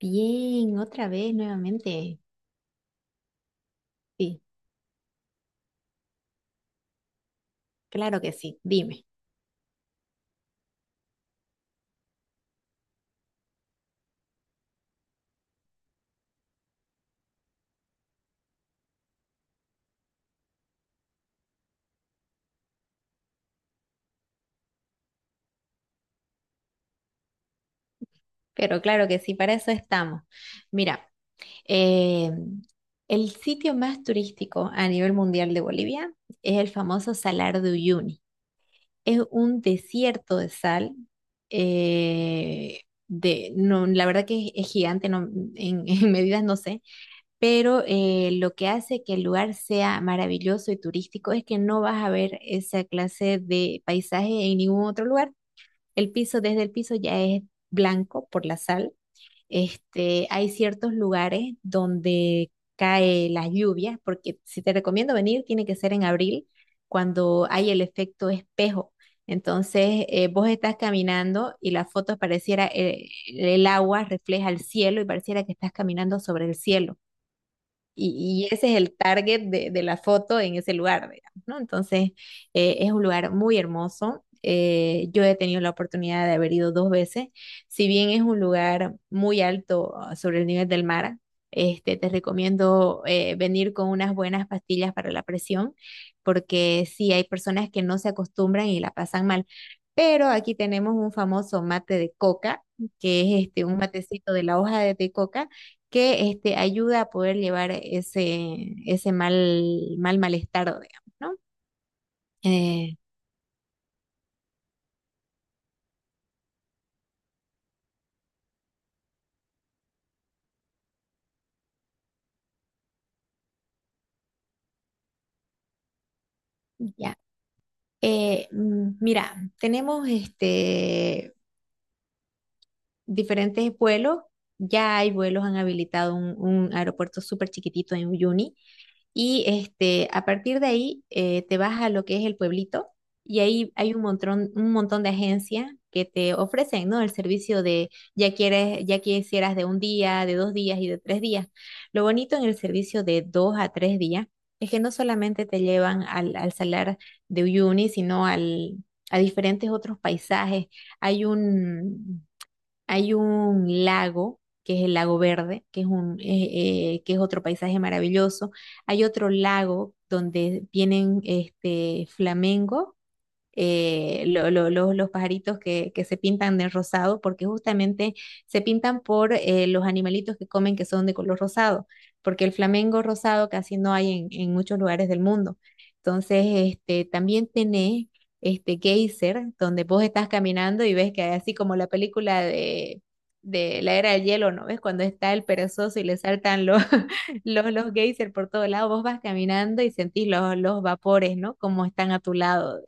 Bien, otra vez nuevamente. Sí, claro que sí, dime. Pero claro que sí, para eso estamos. Mira, eh, el sitio más turístico a nivel mundial de Bolivia es el famoso Salar de Uyuni. Es un desierto de sal. eh, no, la verdad que es gigante, no, en, en medidas no sé, pero lo que hace que el lugar sea maravilloso y turístico es que no vas a ver esa clase de paisaje en ningún otro lugar. El piso, desde el piso ya es blanco por la sal. Hay ciertos lugares donde cae las lluvias, porque si te recomiendo venir, tiene que ser en abril, cuando hay el efecto espejo. Entonces, vos estás caminando y las fotos pareciera, el agua refleja el cielo y pareciera que estás caminando sobre el cielo. Y ese es el target de la foto en ese lugar, digamos, ¿no? Entonces, es un lugar muy hermoso. Yo he tenido la oportunidad de haber ido 2 veces. Si bien es un lugar muy alto, sobre el nivel del mar, te recomiendo venir con unas buenas pastillas para la presión, porque sí hay personas que no se acostumbran y la pasan mal. Pero aquí tenemos un famoso mate de coca, que es un matecito de la hoja de coca que ayuda a poder llevar ese, ese malestar, digamos, ¿no? Eh, ya. Mira, tenemos diferentes vuelos. Ya hay vuelos, han habilitado un aeropuerto súper chiquitito en Uyuni. Y a partir de ahí te vas a lo que es el pueblito y ahí hay un montón de agencias que te ofrecen, ¿no? El servicio de ya quisieras de un día, de 2 días y de 3 días. Lo bonito en el servicio de dos a tres días es que no solamente te llevan al salar de Uyuni, sino a diferentes otros paisajes. Hay un, hay un lago, que es el Lago Verde, que es otro paisaje maravilloso. Hay otro lago donde vienen flamencos los pajaritos que se pintan de rosado, porque justamente se pintan por los animalitos que comen que son de color rosado, porque el flamengo rosado casi no hay en muchos lugares del mundo. Entonces, también tenés este geyser, donde vos estás caminando y ves que hay así como la película de la era del hielo, ¿no ves? Cuando está el perezoso y le saltan los, los geysers por todo lado, vos vas caminando y sentís los vapores, ¿no? Como están a tu lado.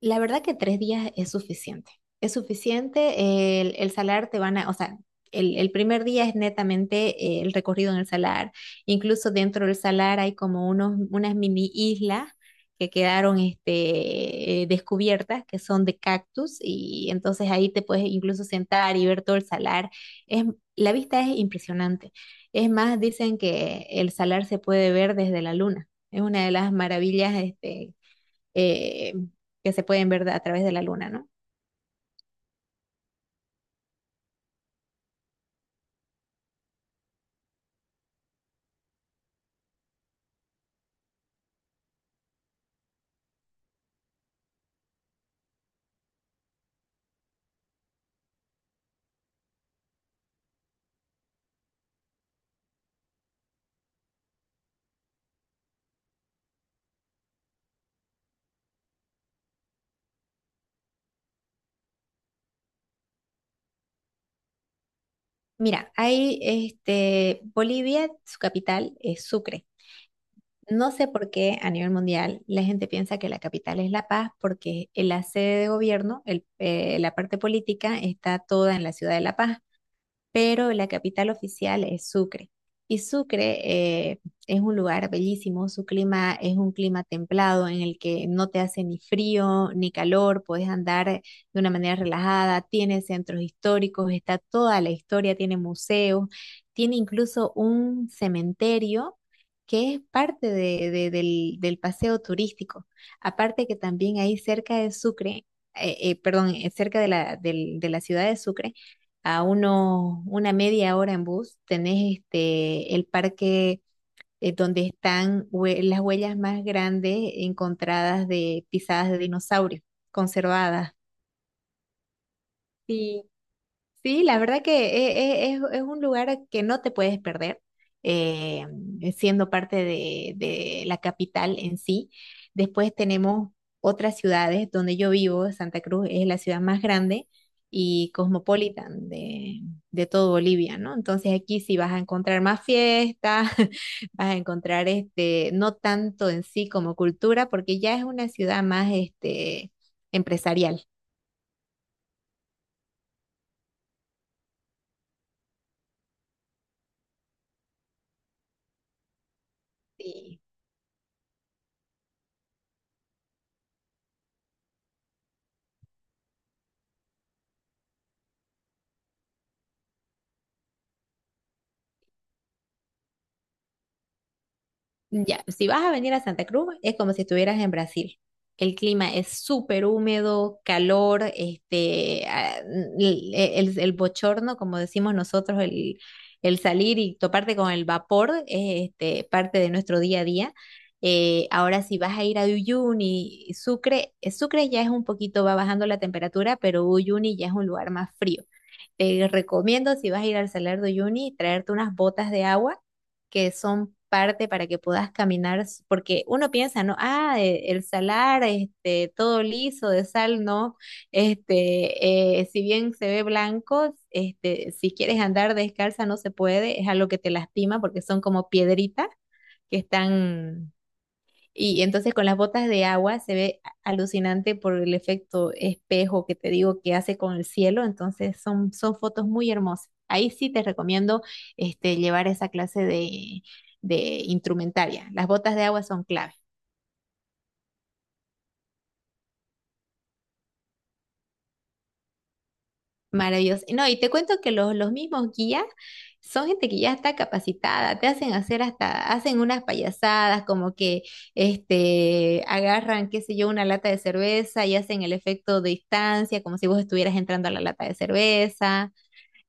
La verdad que 3 días es suficiente. Es suficiente. El salar te van a, o sea, el primer día es netamente el recorrido en el salar. Incluso dentro del salar hay como unas mini islas que quedaron descubiertas, que son de cactus, y entonces ahí te puedes incluso sentar y ver todo el salar. Es, la vista es impresionante. Es más, dicen que el salar se puede ver desde la luna. Es una de las maravillas eh, que se pueden ver a través de la luna, ¿no? Mira, Bolivia, su capital es Sucre. No sé por qué a nivel mundial la gente piensa que la capital es La Paz, porque en la sede de gobierno, la parte política, está toda en la ciudad de La Paz. Pero la capital oficial es Sucre. Y Sucre es un lugar bellísimo, su clima es un clima templado en el que no te hace ni frío ni calor, puedes andar de una manera relajada, tiene centros históricos, está toda la historia, tiene museos, tiene incluso un cementerio que es parte del paseo turístico. Aparte que también ahí cerca de Sucre, perdón, cerca de de la ciudad de Sucre, a una media hora en bus, tenés el parque donde están las huellas más grandes encontradas de pisadas de dinosaurios, conservadas. Sí, la verdad que es un lugar que no te puedes perder, eh, siendo parte de la capital en sí. Después tenemos otras ciudades donde yo vivo, Santa Cruz es la ciudad más grande y cosmopolitan de todo Bolivia, ¿no? Entonces aquí sí vas a encontrar más fiestas, vas a encontrar no tanto en sí como cultura, porque ya es una ciudad más empresarial. Sí. Ya, si vas a venir a Santa Cruz, es como si estuvieras en Brasil. El clima es súper húmedo, calor, el bochorno, como decimos nosotros, el salir y toparte con el vapor es parte de nuestro día a día. Ahora, si vas a ir a Uyuni, Sucre, Sucre ya es un poquito, va bajando la temperatura, pero Uyuni ya es un lugar más frío. Te recomiendo, si vas a ir al Salar de Uyuni, traerte unas botas de agua que son parte para que puedas caminar, porque uno piensa, ¿no? Ah, el salar, todo liso de sal, no, si bien se ve blanco, si quieres andar descalza no se puede, es algo que te lastima porque son como piedritas que están y entonces con las botas de agua se ve alucinante por el efecto espejo que te digo que hace con el cielo. Entonces son, son fotos muy hermosas. Ahí sí te recomiendo llevar esa clase de instrumentaria. Las botas de agua son clave. Maravilloso. No, y te cuento que los mismos guías son gente que ya está capacitada, te hacen hacer hasta, hacen unas payasadas como que agarran, qué sé yo, una lata de cerveza y hacen el efecto de distancia, como si vos estuvieras entrando a la lata de cerveza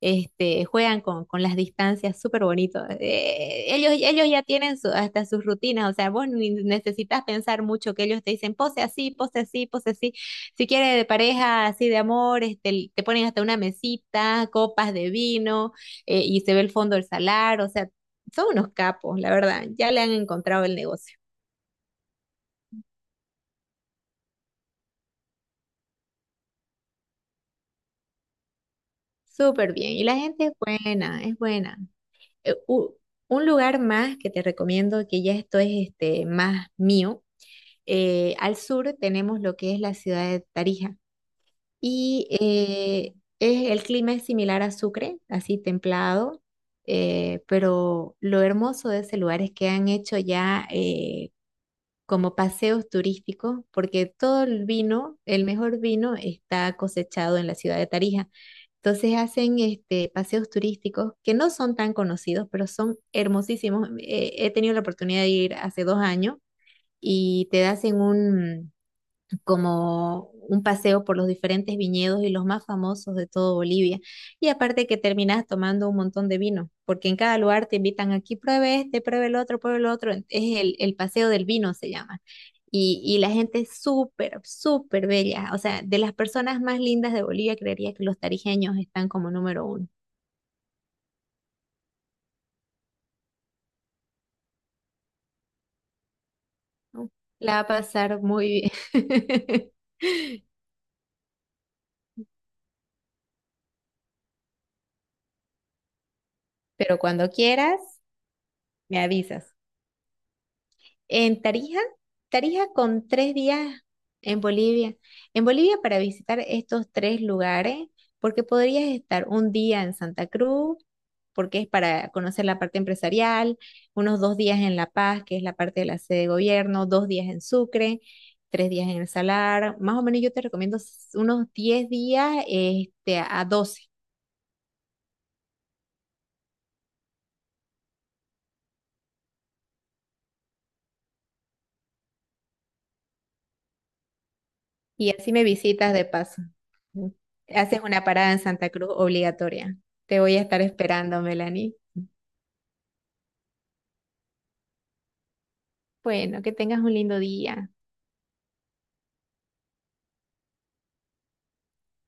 juegan con las distancias súper bonito. Ellos ya tienen hasta sus rutinas, o sea, vos ni necesitas pensar mucho que ellos te dicen pose así, pose así, pose así. Si quieres de pareja, así de amor, te ponen hasta una mesita, copas de vino, y se ve el fondo del salar, o sea, son unos capos, la verdad, ya le han encontrado el negocio. Súper bien, y la gente es buena, es buena. Eh, u- un lugar más que te recomiendo, que ya esto es más mío, al sur tenemos lo que es la ciudad de Tarija y el clima es similar a Sucre, así templado, pero lo hermoso de ese lugar es que han hecho ya como paseos turísticos, porque todo el vino, el mejor vino, está cosechado en la ciudad de Tarija. Entonces hacen paseos turísticos que no son tan conocidos, pero son hermosísimos. He tenido la oportunidad de ir hace 2 años y te hacen como un paseo por los diferentes viñedos y los más famosos de todo Bolivia. Y aparte que terminas tomando un montón de vino, porque en cada lugar te invitan aquí, pruebe este, pruebe el otro, pruebe el otro. Es el paseo del vino, se llama. Y la gente es súper, súper bella. O sea, de las personas más lindas de Bolivia, creería que los tarijeños están como número uno, ¿no? La va a pasar muy bien. Pero cuando quieras, me avisas. En Tarija, Tarija con 3 días en Bolivia. En Bolivia para visitar estos tres lugares, porque podrías estar un día en Santa Cruz, porque es para conocer la parte empresarial, unos dos días en La Paz, que es la parte de la sede de gobierno, 2 días en Sucre, 3 días en El Salar. Más o menos yo te recomiendo unos 10 días a 12. Y así me visitas de paso. Haces una parada en Santa Cruz obligatoria. Te voy a estar esperando, Melanie. Bueno, que tengas un lindo día.